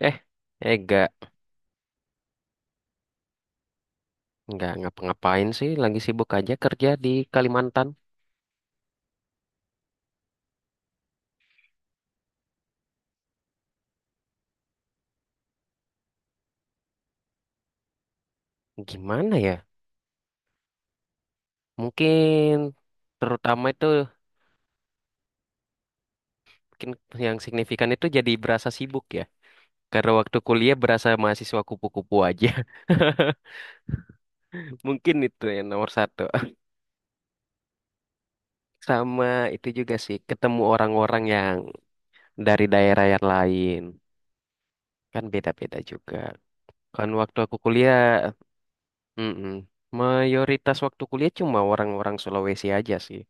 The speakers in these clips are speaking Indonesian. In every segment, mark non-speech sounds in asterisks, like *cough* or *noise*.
Eh, eh, gak, nggak ngapa-ngapain sih, lagi sibuk aja kerja di Kalimantan. Gimana ya? Mungkin terutama itu, mungkin yang signifikan itu jadi berasa sibuk ya. Karena waktu kuliah berasa mahasiswa kupu-kupu aja. *laughs* Mungkin itu yang nomor satu. *laughs* Sama itu juga sih, ketemu orang-orang yang dari daerah yang lain. Kan beda-beda juga. Kan waktu aku kuliah, mm-mm, mayoritas waktu kuliah cuma orang-orang Sulawesi aja sih.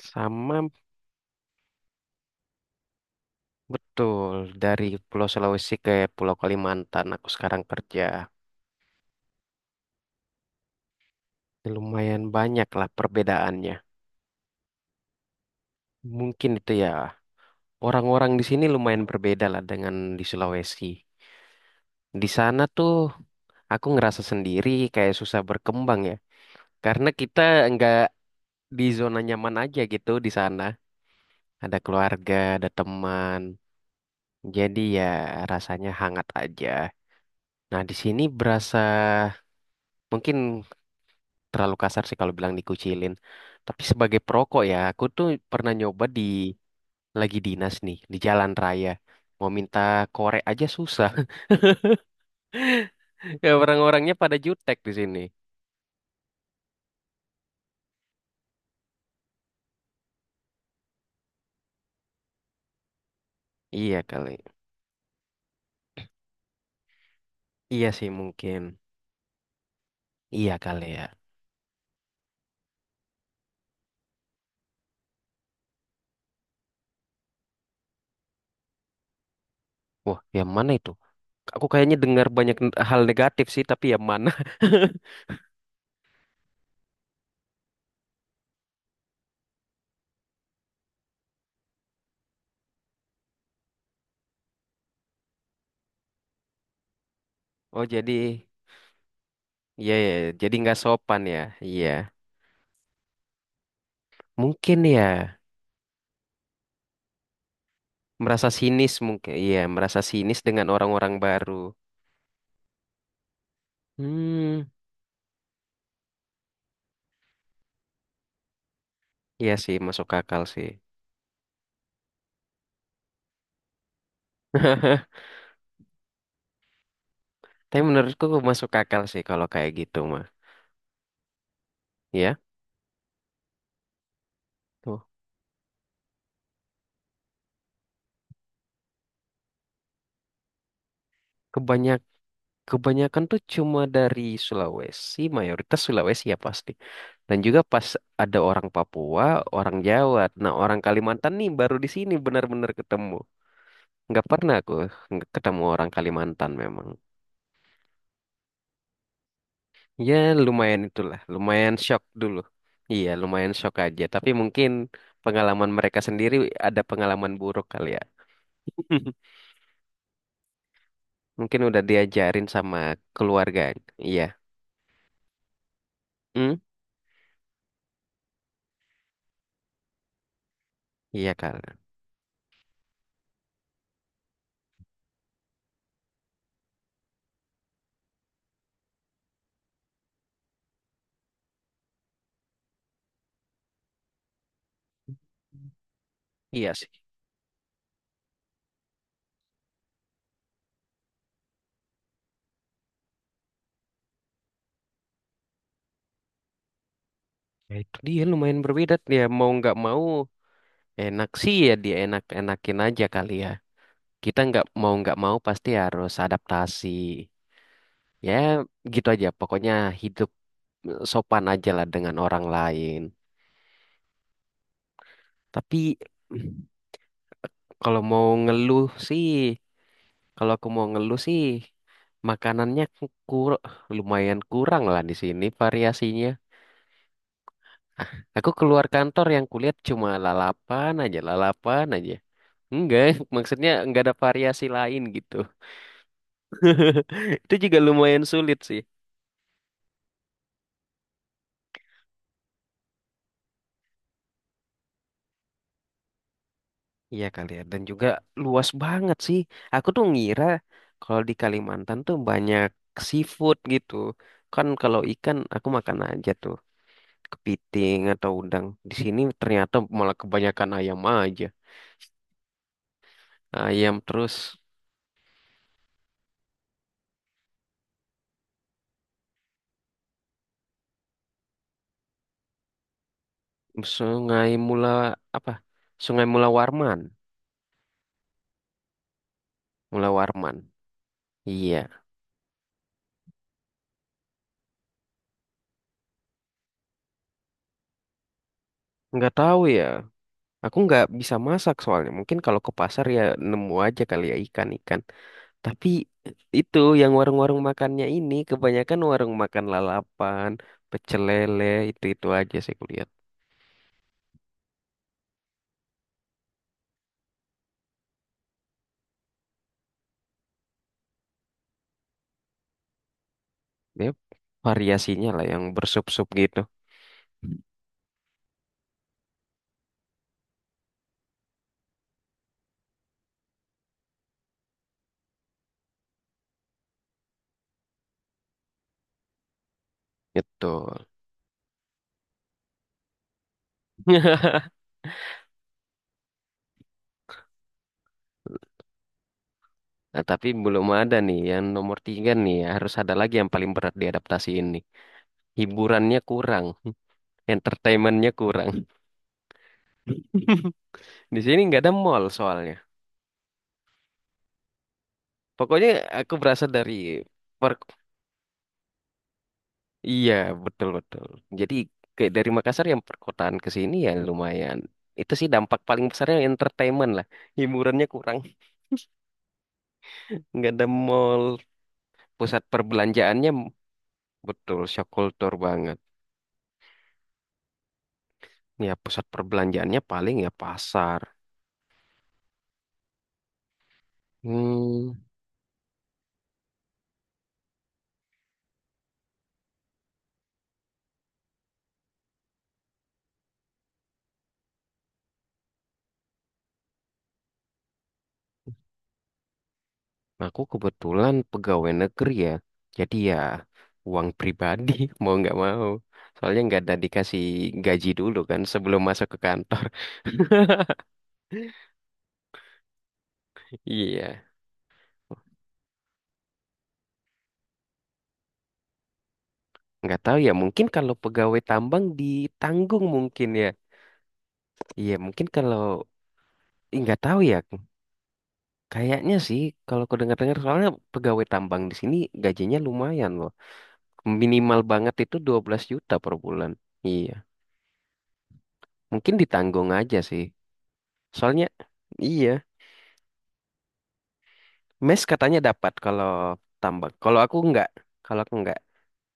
Sama. Betul, dari Pulau Sulawesi ke Pulau Kalimantan aku sekarang kerja. Lumayan banyak lah perbedaannya. Mungkin itu ya, orang-orang di sini lumayan berbeda lah dengan di Sulawesi. Di sana tuh aku ngerasa sendiri kayak susah berkembang ya. Karena kita nggak di zona nyaman aja gitu di sana. Ada keluarga, ada teman. Jadi ya rasanya hangat aja. Nah di sini berasa mungkin terlalu kasar sih kalau bilang dikucilin. Tapi sebagai perokok ya, aku tuh pernah nyoba di lagi dinas nih di jalan raya. Mau minta korek aja susah. *laughs* Ya orang-orangnya pada jutek di sini. Iya kali. Iya sih mungkin. Iya kali ya. Wah, yang mana itu? Aku kayaknya dengar banyak hal negatif sih, tapi yang mana? *laughs* Oh, jadi iya ya, jadi nggak sopan ya. Iya. Mungkin ya merasa sinis mungkin. Iya, merasa sinis dengan orang-orang baru. Hmm. Iya sih, masuk akal sih. *laughs* Tapi menurutku masuk akal sih kalau kayak gitu mah. Ya, tuh. Kebanyak Kebanyakan tuh cuma dari Sulawesi, mayoritas Sulawesi ya pasti. Dan juga pas ada orang Papua, orang Jawa. Nah, orang Kalimantan nih baru di sini benar-benar ketemu. Nggak pernah aku ketemu orang Kalimantan memang. Ya, lumayan itulah, lumayan shock dulu. Iya, lumayan shock aja. Tapi mungkin pengalaman mereka sendiri ada pengalaman buruk kali ya. *laughs* Mungkin udah diajarin sama keluarga. Iya. Hmm? Iya kan. Iya sih. Ya, itu dia lumayan berbeda. Dia mau nggak mau enak sih, ya dia enak-enakin aja kali ya. Kita nggak mau pasti harus adaptasi. Ya gitu aja. Pokoknya hidup sopan aja lah dengan orang lain. Tapi *clears throat* kalau mau ngeluh sih, kalau aku mau ngeluh sih, makanannya kur lumayan kurang lah di sini variasinya. Aku keluar kantor yang kulihat cuma lalapan aja, lalapan aja. Enggak, *laughs* maksudnya enggak ada variasi lain gitu. *laughs* Itu juga lumayan sulit sih. Iya kali ya, dan juga luas banget sih. Aku tuh ngira kalau di Kalimantan tuh banyak seafood gitu. Kan kalau ikan aku makan aja tuh kepiting atau udang. Di sini ternyata malah kebanyakan ayam aja. Ayam terus sungai mula apa? Sungai Mula Warman, Mula Warman. Iya. Nggak tahu ya. Aku nggak bisa masak soalnya. Mungkin kalau ke pasar ya nemu aja kali ya ikan-ikan. Tapi itu yang warung-warung makannya ini kebanyakan warung makan lalapan, pecel lele, itu-itu aja sih kulihat. Ya, variasinya lah yang bersup-sup gitu. Gitu. *laughs* Nah, tapi belum ada nih yang nomor tiga nih. Harus ada lagi yang paling berat diadaptasi ini. Hiburannya kurang, *laughs* entertainmentnya kurang. *laughs* Di sini nggak ada mall soalnya. Pokoknya aku berasal dari per iya, betul betul. Jadi kayak dari Makassar yang perkotaan ke sini ya lumayan. Itu sih dampak paling besarnya entertainment lah. Hiburannya kurang, nggak ada mall, pusat perbelanjaannya betul shock culture banget. Ya pusat perbelanjaannya paling ya pasar. Hmm, aku kebetulan pegawai negeri ya. Jadi ya uang pribadi *laughs* mau nggak mau. Soalnya nggak ada dikasih gaji dulu kan sebelum masuk ke kantor. *laughs* Iya. Nggak tahu ya, mungkin kalau pegawai tambang ditanggung mungkin ya. Iya, mungkin kalau Ih, nggak tahu ya. Kayaknya sih kalau aku dengar-dengar soalnya pegawai tambang di sini gajinya lumayan loh. Minimal banget itu 12 juta per bulan. Iya, mungkin ditanggung aja sih. Soalnya iya, mes katanya dapat kalau tambang. Kalau aku nggak, kalau aku nggak.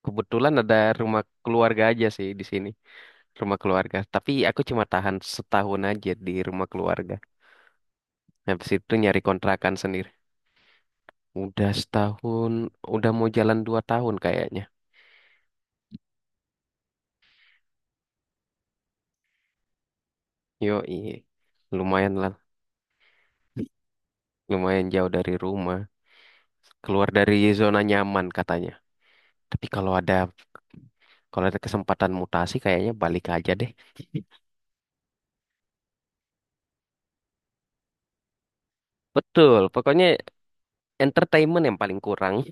Kebetulan ada rumah keluarga aja sih di sini, rumah keluarga. Tapi aku cuma tahan setahun aja di rumah keluarga. Habis itu nyari kontrakan sendiri. Udah setahun, udah mau jalan 2 tahun kayaknya. Yoi, lumayan lah, lumayan jauh dari rumah. Keluar dari zona nyaman katanya. Tapi kalau ada kesempatan mutasi kayaknya balik aja deh. Betul, pokoknya entertainment yang paling kurang.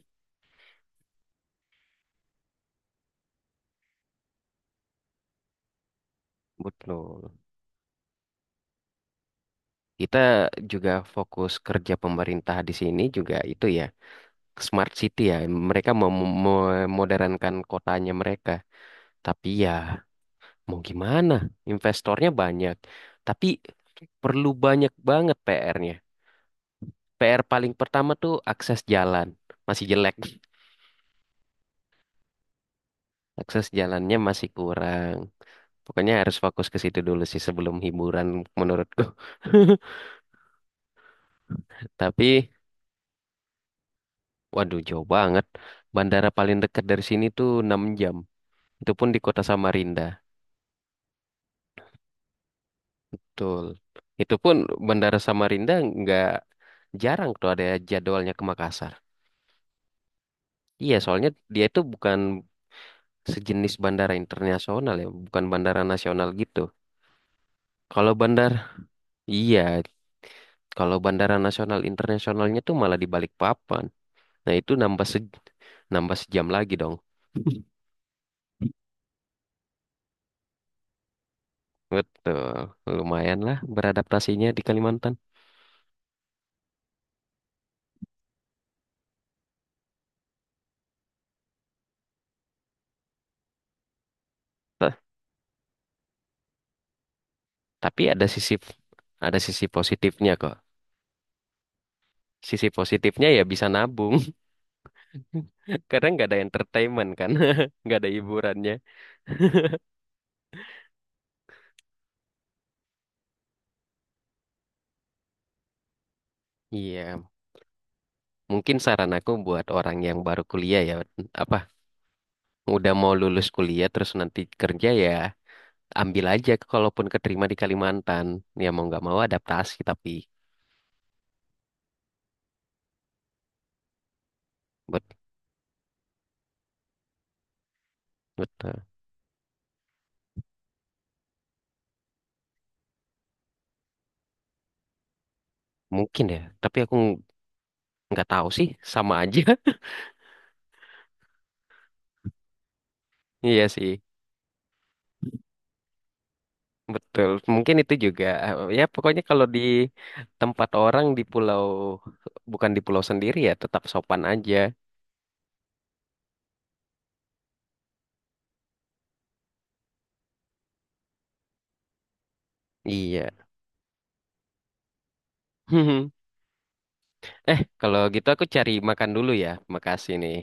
Betul. Kita juga fokus kerja pemerintah di sini juga itu ya, smart city ya. Mereka memodernkan kotanya mereka. Tapi ya, mau gimana? Investornya banyak, tapi perlu banyak banget PR-nya. PR paling pertama tuh akses jalan. Masih jelek. *laughs* Akses jalannya masih kurang. Pokoknya harus fokus ke situ dulu sih sebelum hiburan menurutku. *laughs* Tapi, waduh jauh banget. Bandara paling dekat dari sini tuh 6 jam. Itu pun di kota Samarinda. Betul. Itu pun bandara Samarinda nggak jarang tuh ada jadwalnya ke Makassar. Iya, soalnya dia itu bukan sejenis bandara internasional ya, bukan bandara nasional gitu. Kalau bandar, iya, kalau bandara nasional internasionalnya tuh malah di Balikpapan. Nah itu nambah nambah sejam lagi dong. Betul, lumayan lah beradaptasinya di Kalimantan. Ta- Tapi ada sisi positifnya kok. Sisi positifnya ya bisa nabung, *laughs* karena nggak ada entertainment kan, *laughs* nggak ada hiburannya. Iya, mungkin saran aku buat orang yang baru kuliah ya, apa udah mau lulus kuliah terus nanti kerja ya ambil aja kalaupun keterima di Kalimantan, ya mau nggak mau adaptasi tapi bet betul. Mungkin ya, tapi aku nggak tahu sih, sama aja. *laughs* Iya sih betul, mungkin itu juga eh, ya pokoknya kalau di tempat orang, di pulau bukan di pulau sendiri, ya tetap sopan aja. Iya. *laughs* Eh, kalau gitu aku cari makan dulu ya, makasih nih.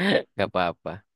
*laughs* Nggak apa-apa.